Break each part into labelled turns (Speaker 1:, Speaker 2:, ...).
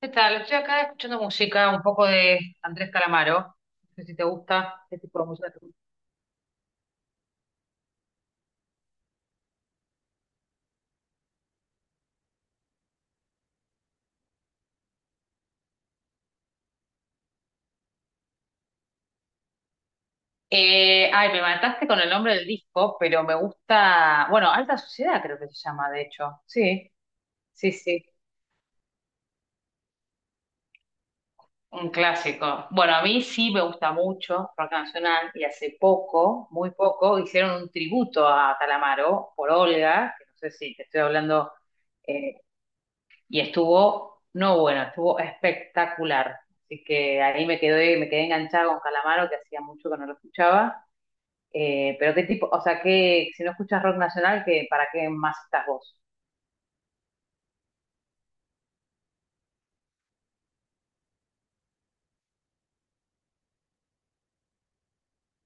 Speaker 1: ¿Qué tal? Estoy acá escuchando música, un poco de Andrés Calamaro. No sé si te gusta qué tipo de música te gusta. Ay, me mataste con el nombre del disco, pero me gusta, bueno, Alta Sociedad, creo que se llama, de hecho. Sí, sí, sí. Un clásico. Bueno, a mí sí me gusta mucho rock nacional, y hace poco, muy poco, hicieron un tributo a Calamaro por Olga, que no sé si te estoy hablando. eh, Y estuvo, no, bueno, estuvo espectacular. Así que ahí me quedé enganchada con Calamaro, que hacía mucho que no lo escuchaba. Pero qué tipo, o sea, que si no escuchas rock nacional, qué ¿para qué más estás vos?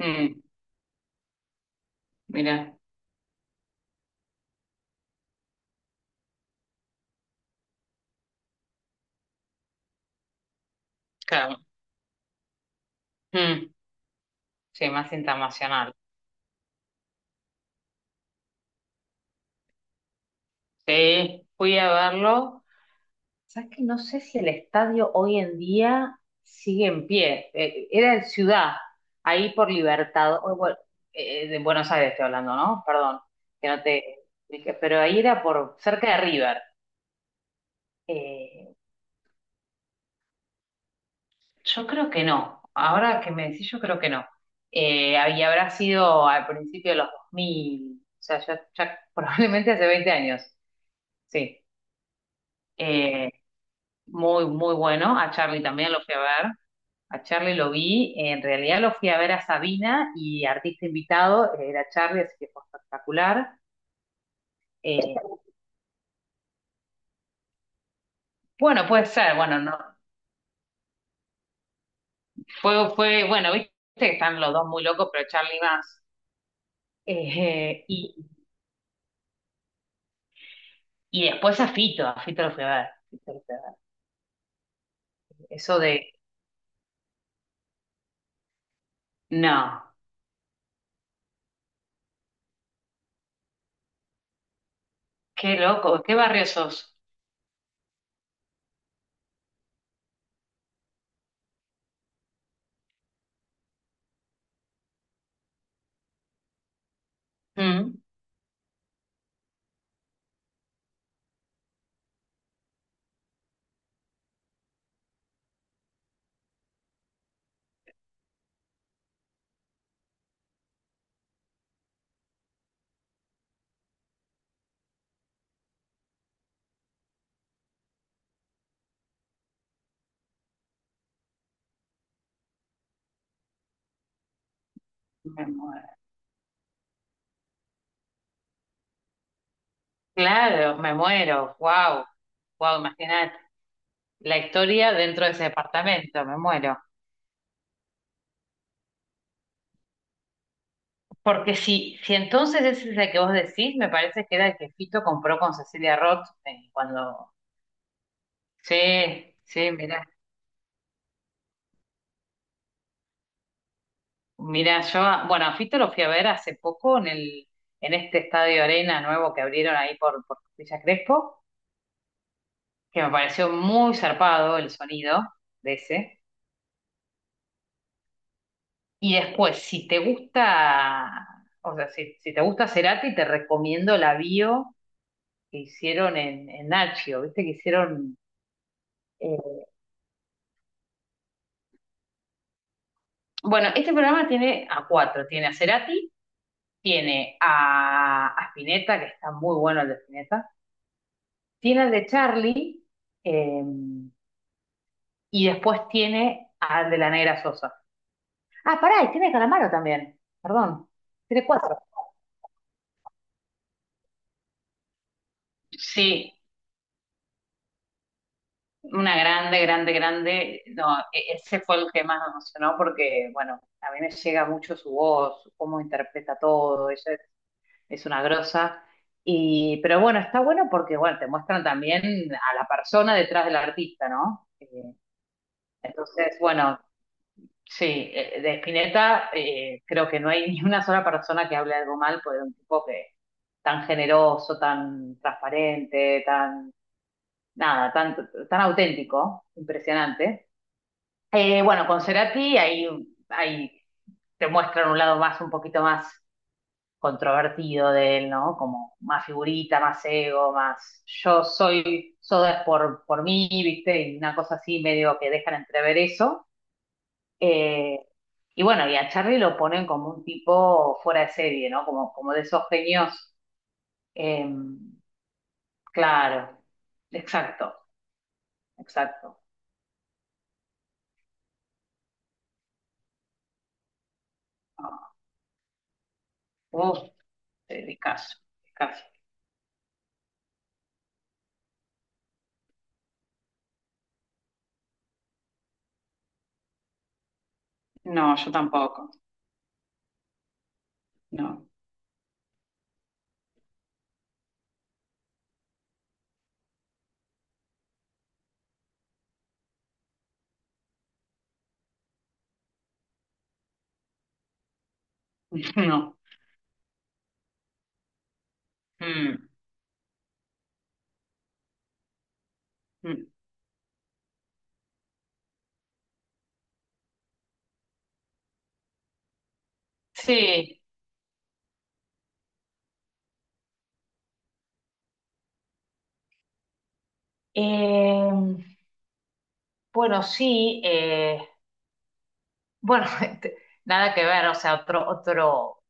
Speaker 1: Mm, mira, claro. Mm, sí, más internacional. Sí, fui a verlo. Sabes que no sé si el estadio hoy en día sigue en pie. Era en Ciudad, ahí por Libertad, o bueno, de Buenos Aires estoy hablando, ¿no? Perdón, que no te expliqué, pero ahí era por cerca de River. Eh, yo creo que no. Ahora que me decís, yo creo que no. Y habrá sido al principio de los 2000, o sea, ya, ya probablemente hace 20 años. Sí. Eh, muy, muy bueno. A Charlie también lo fui a ver. A Charlie lo vi, en realidad lo fui a ver a Sabina, y artista invitado era Charlie, así que fue espectacular. Eh, bueno, puede ser, bueno, no, fue, bueno, viste que están los dos muy locos, pero Charlie más. Eh, y, y después a Fito lo fui a ver. Fito lo fui a ver. Eso de, no, qué loco, qué barrio sos. Mm, me muero. Claro, me muero, wow, wow, imagínate la historia dentro de ese departamento, me muero. Porque si entonces, ese es el que vos decís. Me parece que era el que Fito compró con Cecilia Roth cuando... Sí, sí, mirá, mirá, yo, bueno, a Fito lo fui a ver hace poco en el, en este estadio Arena nuevo que abrieron ahí por Villa Crespo, que me pareció muy zarpado el sonido de ese. Y después, si te gusta, o sea, si te gusta Cerati, te recomiendo la bio que hicieron en Nacho, ¿viste? Que hicieron. eh, Bueno, este programa tiene a cuatro. Tiene a Cerati, tiene a Spinetta, que está muy bueno el de Spinetta. Tiene el de Charlie, eh, y después tiene al de la Negra Sosa. Ah, pará, y tiene Calamaro también. Perdón. Tiene cuatro. Sí, una grande, grande, grande. No, ese fue el que más me emocionó porque, bueno, a mí me llega mucho su voz, cómo interpreta todo. Ella es una grosa. Y, pero bueno, está bueno porque, bueno, te muestran también a la persona detrás del artista, ¿no? Entonces, bueno, sí, de Spinetta, creo que no hay ni una sola persona que hable algo mal, porque era un tipo que tan generoso, tan transparente, tan, nada, tan, tan auténtico, impresionante. Bueno, con Cerati, ahí, ahí te muestran un lado más, un poquito más controvertido de él, ¿no? Como más figurita, más ego, más yo soy, soda es por mí, ¿viste? Y una cosa así, medio que dejan entrever eso. Eh, y bueno, y a Charlie lo ponen como un tipo fuera de serie, ¿no? Como de esos genios. eh, claro, exacto, exacto. Ah, uf, Picasso, Picasso. No, yo tampoco, no, no. Mm, mm. Sí. Eh, Bueno, sí, bueno, este, nada que ver, o sea, otro, otro,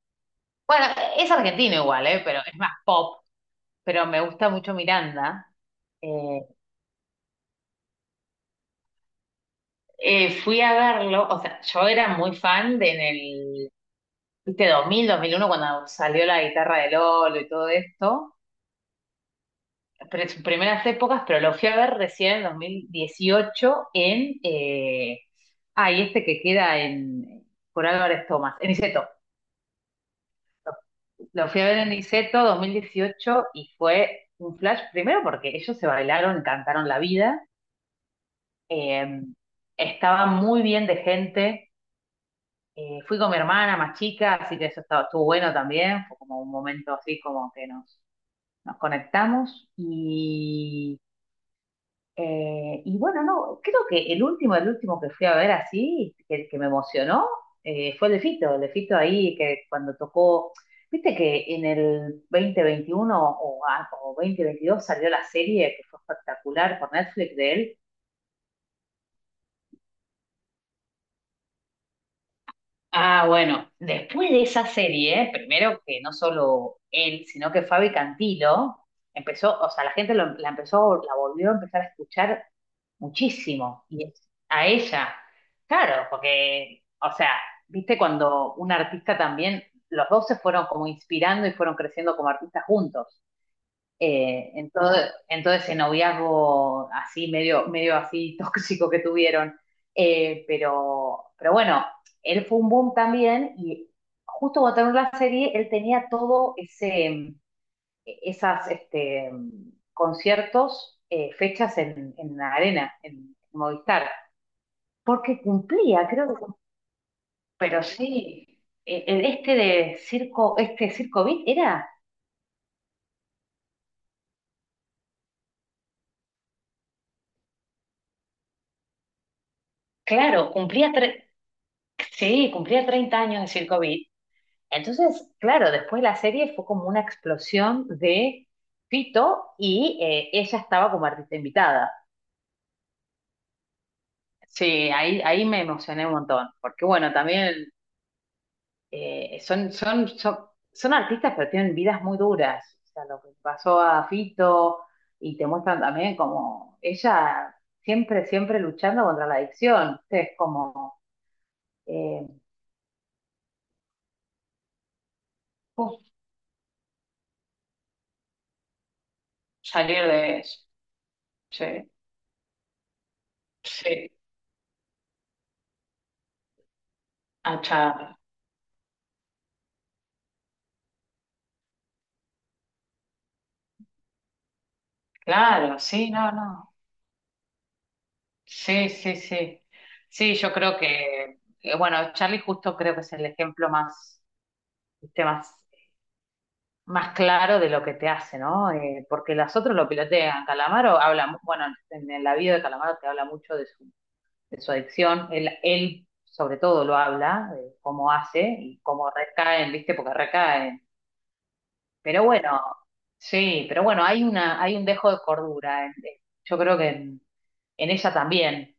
Speaker 1: bueno, es argentino igual, pero es más pop, pero me gusta mucho Miranda. Eh, fui a verlo, o sea, yo era muy fan de en el, viste, dos mil uno, cuando salió la guitarra de Lolo y todo esto, pero en sus primeras épocas, pero lo fui a ver recién en 2018 en, y este que queda en, por Álvarez Thomas, en Niceto. Lo fui a ver en Niceto 2018 y fue un flash, primero porque ellos se bailaron y cantaron la vida. eh, estaba muy bien de gente. Fui con mi hermana más chica, así que eso estaba, estuvo bueno también. Fue como un momento así, como que nos conectamos. Y bueno, no, creo que el último, que fui a ver así, que me emocionó, fue el de Fito, ahí, que cuando tocó, viste que en el 2021 o, o 2022 salió la serie que fue espectacular por Netflix de él. Ah, bueno, después de esa serie, primero que no solo él, sino que Fabi Cantilo empezó, o sea, la gente la empezó, la volvió a empezar a escuchar muchísimo. Y es a ella. Claro, porque, o sea, viste, cuando un artista también, los dos se fueron como inspirando y fueron creciendo como artistas juntos. Eh, en todo, en todo ese noviazgo así, medio, medio así tóxico que tuvieron. Pero, bueno, él fue un boom también, y justo cuando terminó la serie, él tenía todo ese esas, este, conciertos, fechas en la arena, en Movistar, porque cumplía, creo que, pero sí, el, este de Circo, este Circo Beat era, claro, cumplía, sí, cumplía 30 años de Circo Beat. Entonces, claro, después la serie fue como una explosión de Fito, y ella estaba como artista invitada. Sí, ahí, ahí me emocioné un montón, porque, bueno, también eh, son, son, son, son artistas, pero tienen vidas muy duras. O sea, lo que pasó a Fito, y te muestran también como ella siempre, siempre luchando contra la adicción. O es como, eh, uf, salir de eso. Sí, sí. Achar. Claro, sí, no, no. Sí, sí, sí. Sí, yo creo que, bueno, Charlie justo creo que es el ejemplo más, ¿viste? Más claro de lo que te hace, ¿no? Porque las otras lo pilotean. Calamaro habla, bueno, en la vida de Calamaro te habla mucho de su adicción. Él, sobre todo, lo habla, de cómo hace y cómo recaen, ¿viste? Porque recaen. Pero bueno, sí, pero bueno, hay una, hay un dejo de cordura. Yo creo que en ella también,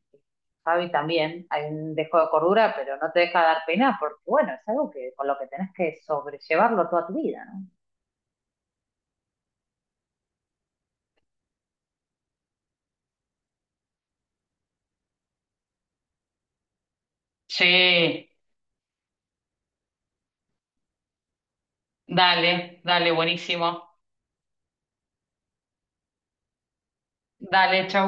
Speaker 1: Fabi también, hay un dejo de cordura, pero no te deja dar pena porque, bueno, es algo que con lo que tenés que sobrellevarlo toda tu vida, ¿no? Sí, dale, dale, buenísimo. Dale, chau.